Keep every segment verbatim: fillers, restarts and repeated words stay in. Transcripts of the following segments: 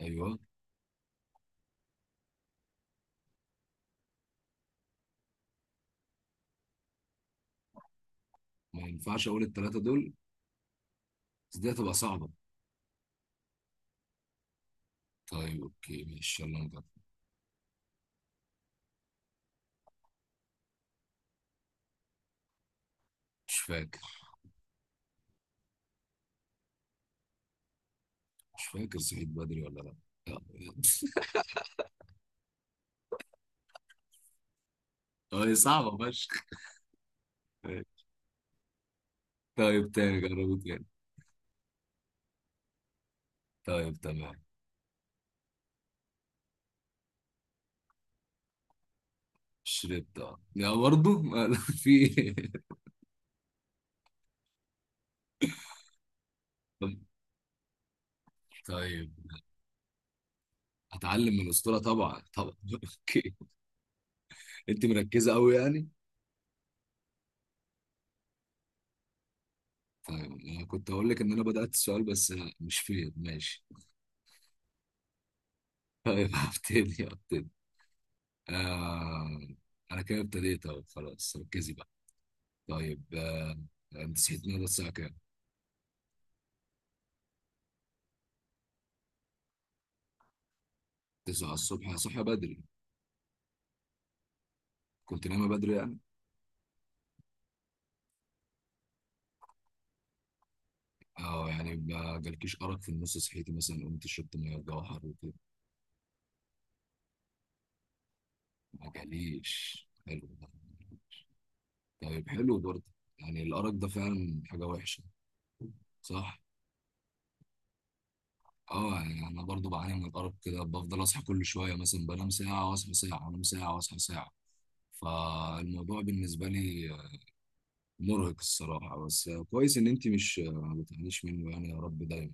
ايوه. ما ينفعش اقول الثلاثه دول، بس دي هتبقى صعبه. طيب اوكي ماشي يلا نجرب. مش فاكر. مش فاكر صحيت بدري ولا لا. لا. اه هي صعبه فشخ. طيب تاني، جربوا تاني. طيب تمام. شربت اه لا برضه في إيه؟ طب- طيب. اتعلم من الاسطوره، طبعا طبعا اوكي، انت مركزه قوي يعني. طيب انا كنت هقول لك ان انا بدات السؤال بس مش فيه، ماشي. طيب هبتدي هبتدي. آه، انا كده ابتديت اهو، خلاص ركزي بقى. طيب آه، انت صحيت النهارده الساعه كام؟ تسعة الصبح، صحى بدري. كنت نايمه بدري يعني. اه يعني ما جالكيش ارق في النص، صحيتي مثلا قمت شربت ميه جوهر وكده؟ ما جاليش، حلو ده. طيب حلو برضه. يعني الارق ده فعلا حاجه وحشه، صح؟ اه يعني انا برضه بعاني من الارق كده، بفضل اصحى كل شويه. مثلا بنام ساعه واصحى ساعه، انام ساعه واصحى ساعه. فالموضوع بالنسبه لي مرهق الصراحة، بس كويس إن أنت مش ما بتعانيش منه يعني، يا رب دايما.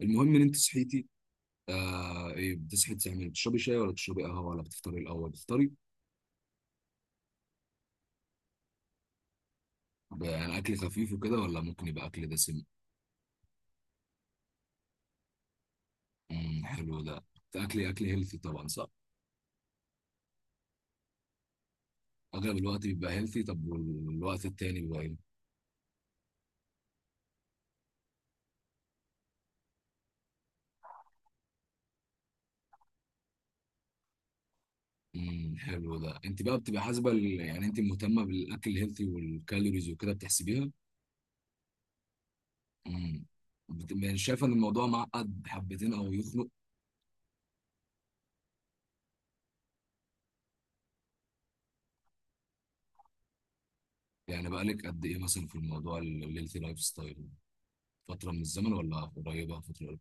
المهم إن أنت صحيتي آه. إيه بتصحي تعملي، بتشربي شاي ولا بتشربي قهوة، ولا بتفطري الأول؟ بتفطري ب- يعني أكل خفيف وكده، ولا ممكن يبقى أكل دسم؟ امم، حلو ده. أكل أكل هيلثي طبعا، صح؟ أغلب الوقت بيبقى هيلثي، طب والوقت التاني بيبقى إيه؟ امم، حلو ده. أنت بقى بتبقى حاسبة ال- يعني أنت مهتمة بالأكل الهيلثي والكالوريز وكده، بتحسبيها؟ امم. بت- يعني شايفة إن الموضوع معقد حبتين أو يخنق؟ يعني بقالك قد ايه مثلا في الموضوع الهيلثي لايف ستايل؟ فتره من الزمن ولا قريبه، فتره قريبة؟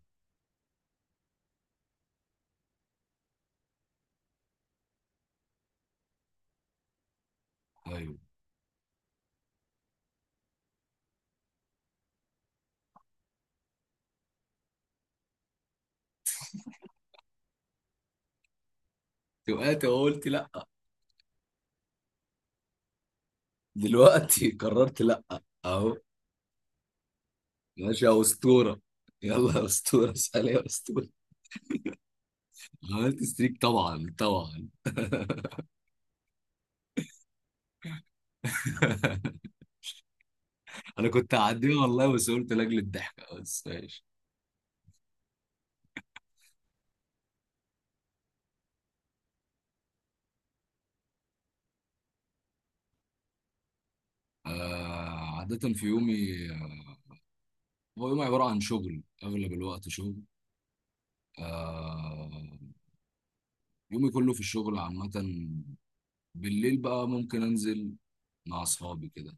ايوه، وقعت وقلت لا. دلوقتي قررت لا، اهو. ماشي يا اسطوره، يلا يا اسطوره، اسال يا اسطوره. عملت ستريك طبعا طبعا انا كنت هعديها والله، بس قلت لاجل الضحكه، بس ماشي. آه، عاده في يومي آه، هو يومي عباره عن شغل، اغلب الوقت شغل. آه، يومي كله في الشغل عامه. بالليل بقى ممكن انزل مع اصحابي كده.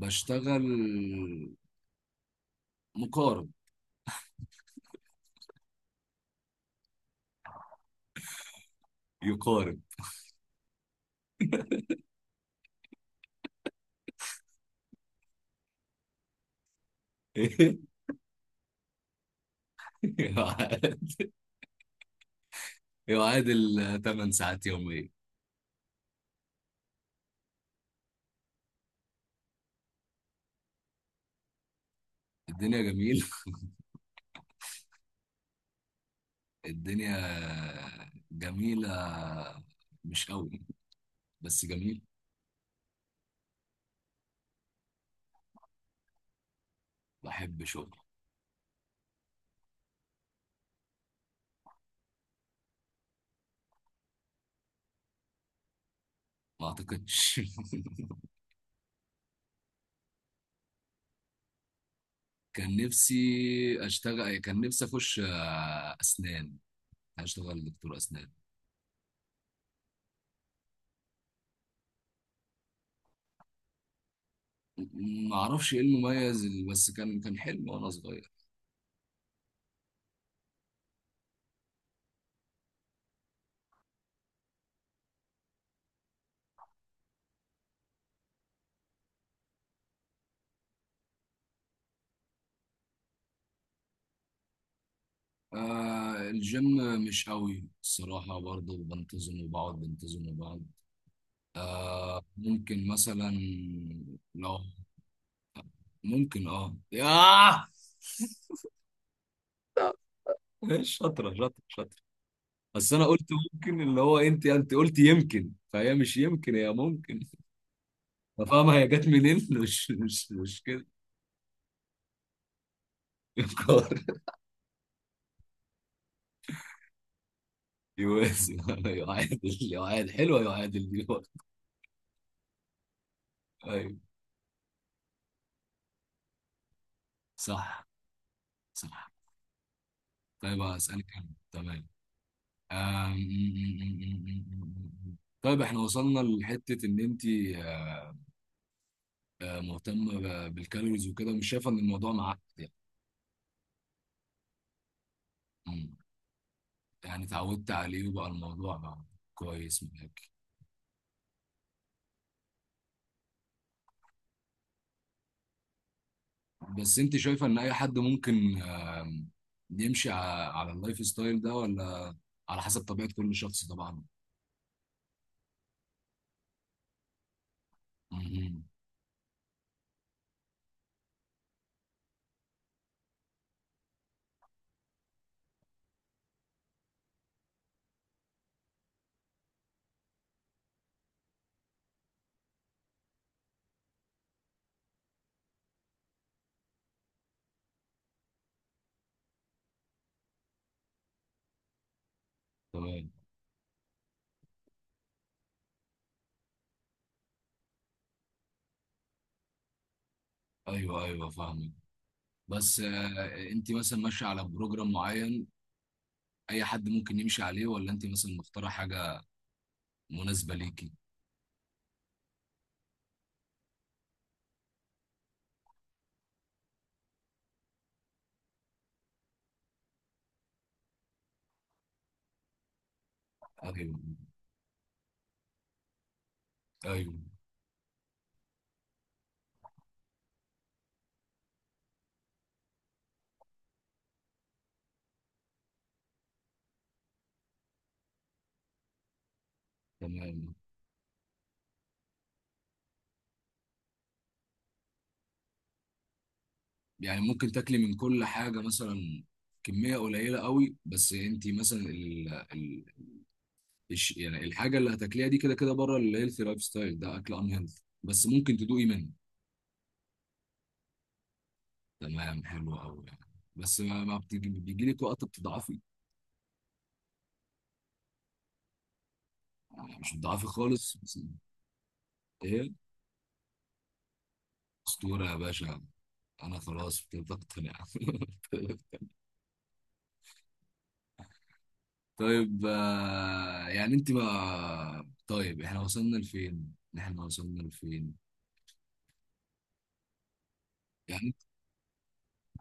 بشتغل مقارب، يقارب يعادل. يعادل ثمان ساعات يوميا. الدنيا جميل. الدنيا جميلة، مش قوي بس جميل. بحب شغل. ما اعتقدش. كان نفسي اشتغل، كان نفسي اخش اسنان، اشتغل دكتور اسنان. ما اعرفش ايه المميز، بس كان كان حلم وانا صغير. آه الجيم، مش قوي الصراحة برضه، بنتظم وبقعد بنتظم وبقعد. آه ممكن مثلا، لو ممكن اه ياه ايش، شاطرة شاطرة شاطرة. بس انا قلت ممكن، اللي هو انت انت قلت يمكن، فهي مش يمكن هي ممكن. فاهمة هي جت منين؟ مش مش مش كده. يقار، يوازي يعادل. يعادل حلوة، يعادل دي. ايوه، صح. صح. طيب هسألك انا، تمام؟ آم، طيب احنا وصلنا لحتة ان انت آه، آه، مهتمة ب- بالكالوريز وكده، مش شايفة ان الموضوع معاك يعني. مم. يعني اتعودت عليه وبقى الموضوع بقى كويس معاك. بس انت شايفة ان اي حد ممكن آم، يمشي ع- على اللايف ستايل ده، ولا على حسب طبيعة كل شخص طبعا؟ مم. تمام. ايوه ايوه، فاهمك. بس آه، انت مثلا ماشية على بروجرام معين، اي حد ممكن يمشي عليه، ولا انت مثلا مختارة حاجة مناسبة ليكي؟ ايوه، ايوه، تمام. يعني ممكن تاكلي من كل حاجة مثلا كمية قليلة قوي، بس انت مثلا ال... ال... الش- يعني الحاجة اللي هتاكليها دي كده كده بره الهيلثي لايف ستايل، ده اكل ان هيلثي بس ممكن تدوقي منه. تمام، حلو قوي يعني. بس ما, ما بتيجي بيجي لك وقت بتضعفي؟ يعني مش بتضعفي خالص بس- ايه. اسطورة يا باشا، انا خلاص ابتديت اقتنع طيب آه، يعني انت بقى، طيب احنا وصلنا لفين؟ احنا وصلنا لفين؟ يعني انت،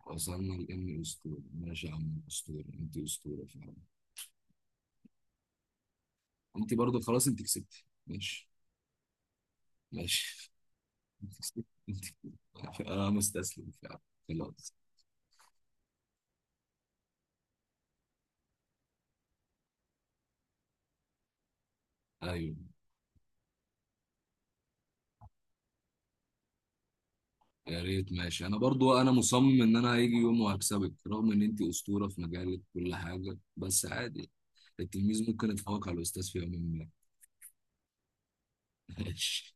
وصلنا لاني اسطوره. ماشي يا عم اسطوره، انت اسطوره فعلا. انت برضو خلاص، انت كسبتي. ماشي، ماشي. انت كسبتي، انت كسبتي. انا مستسلم فعلا، خلاص. ايوه يا ريت ماشي، انا برضو انا مصمم ان انا هيجي يوم وهكسبك، رغم ان انت اسطوره في مجالك كل حاجه، بس عادي. التلميذ ممكن يتفوق على الاستاذ في يوم ما. ماشي.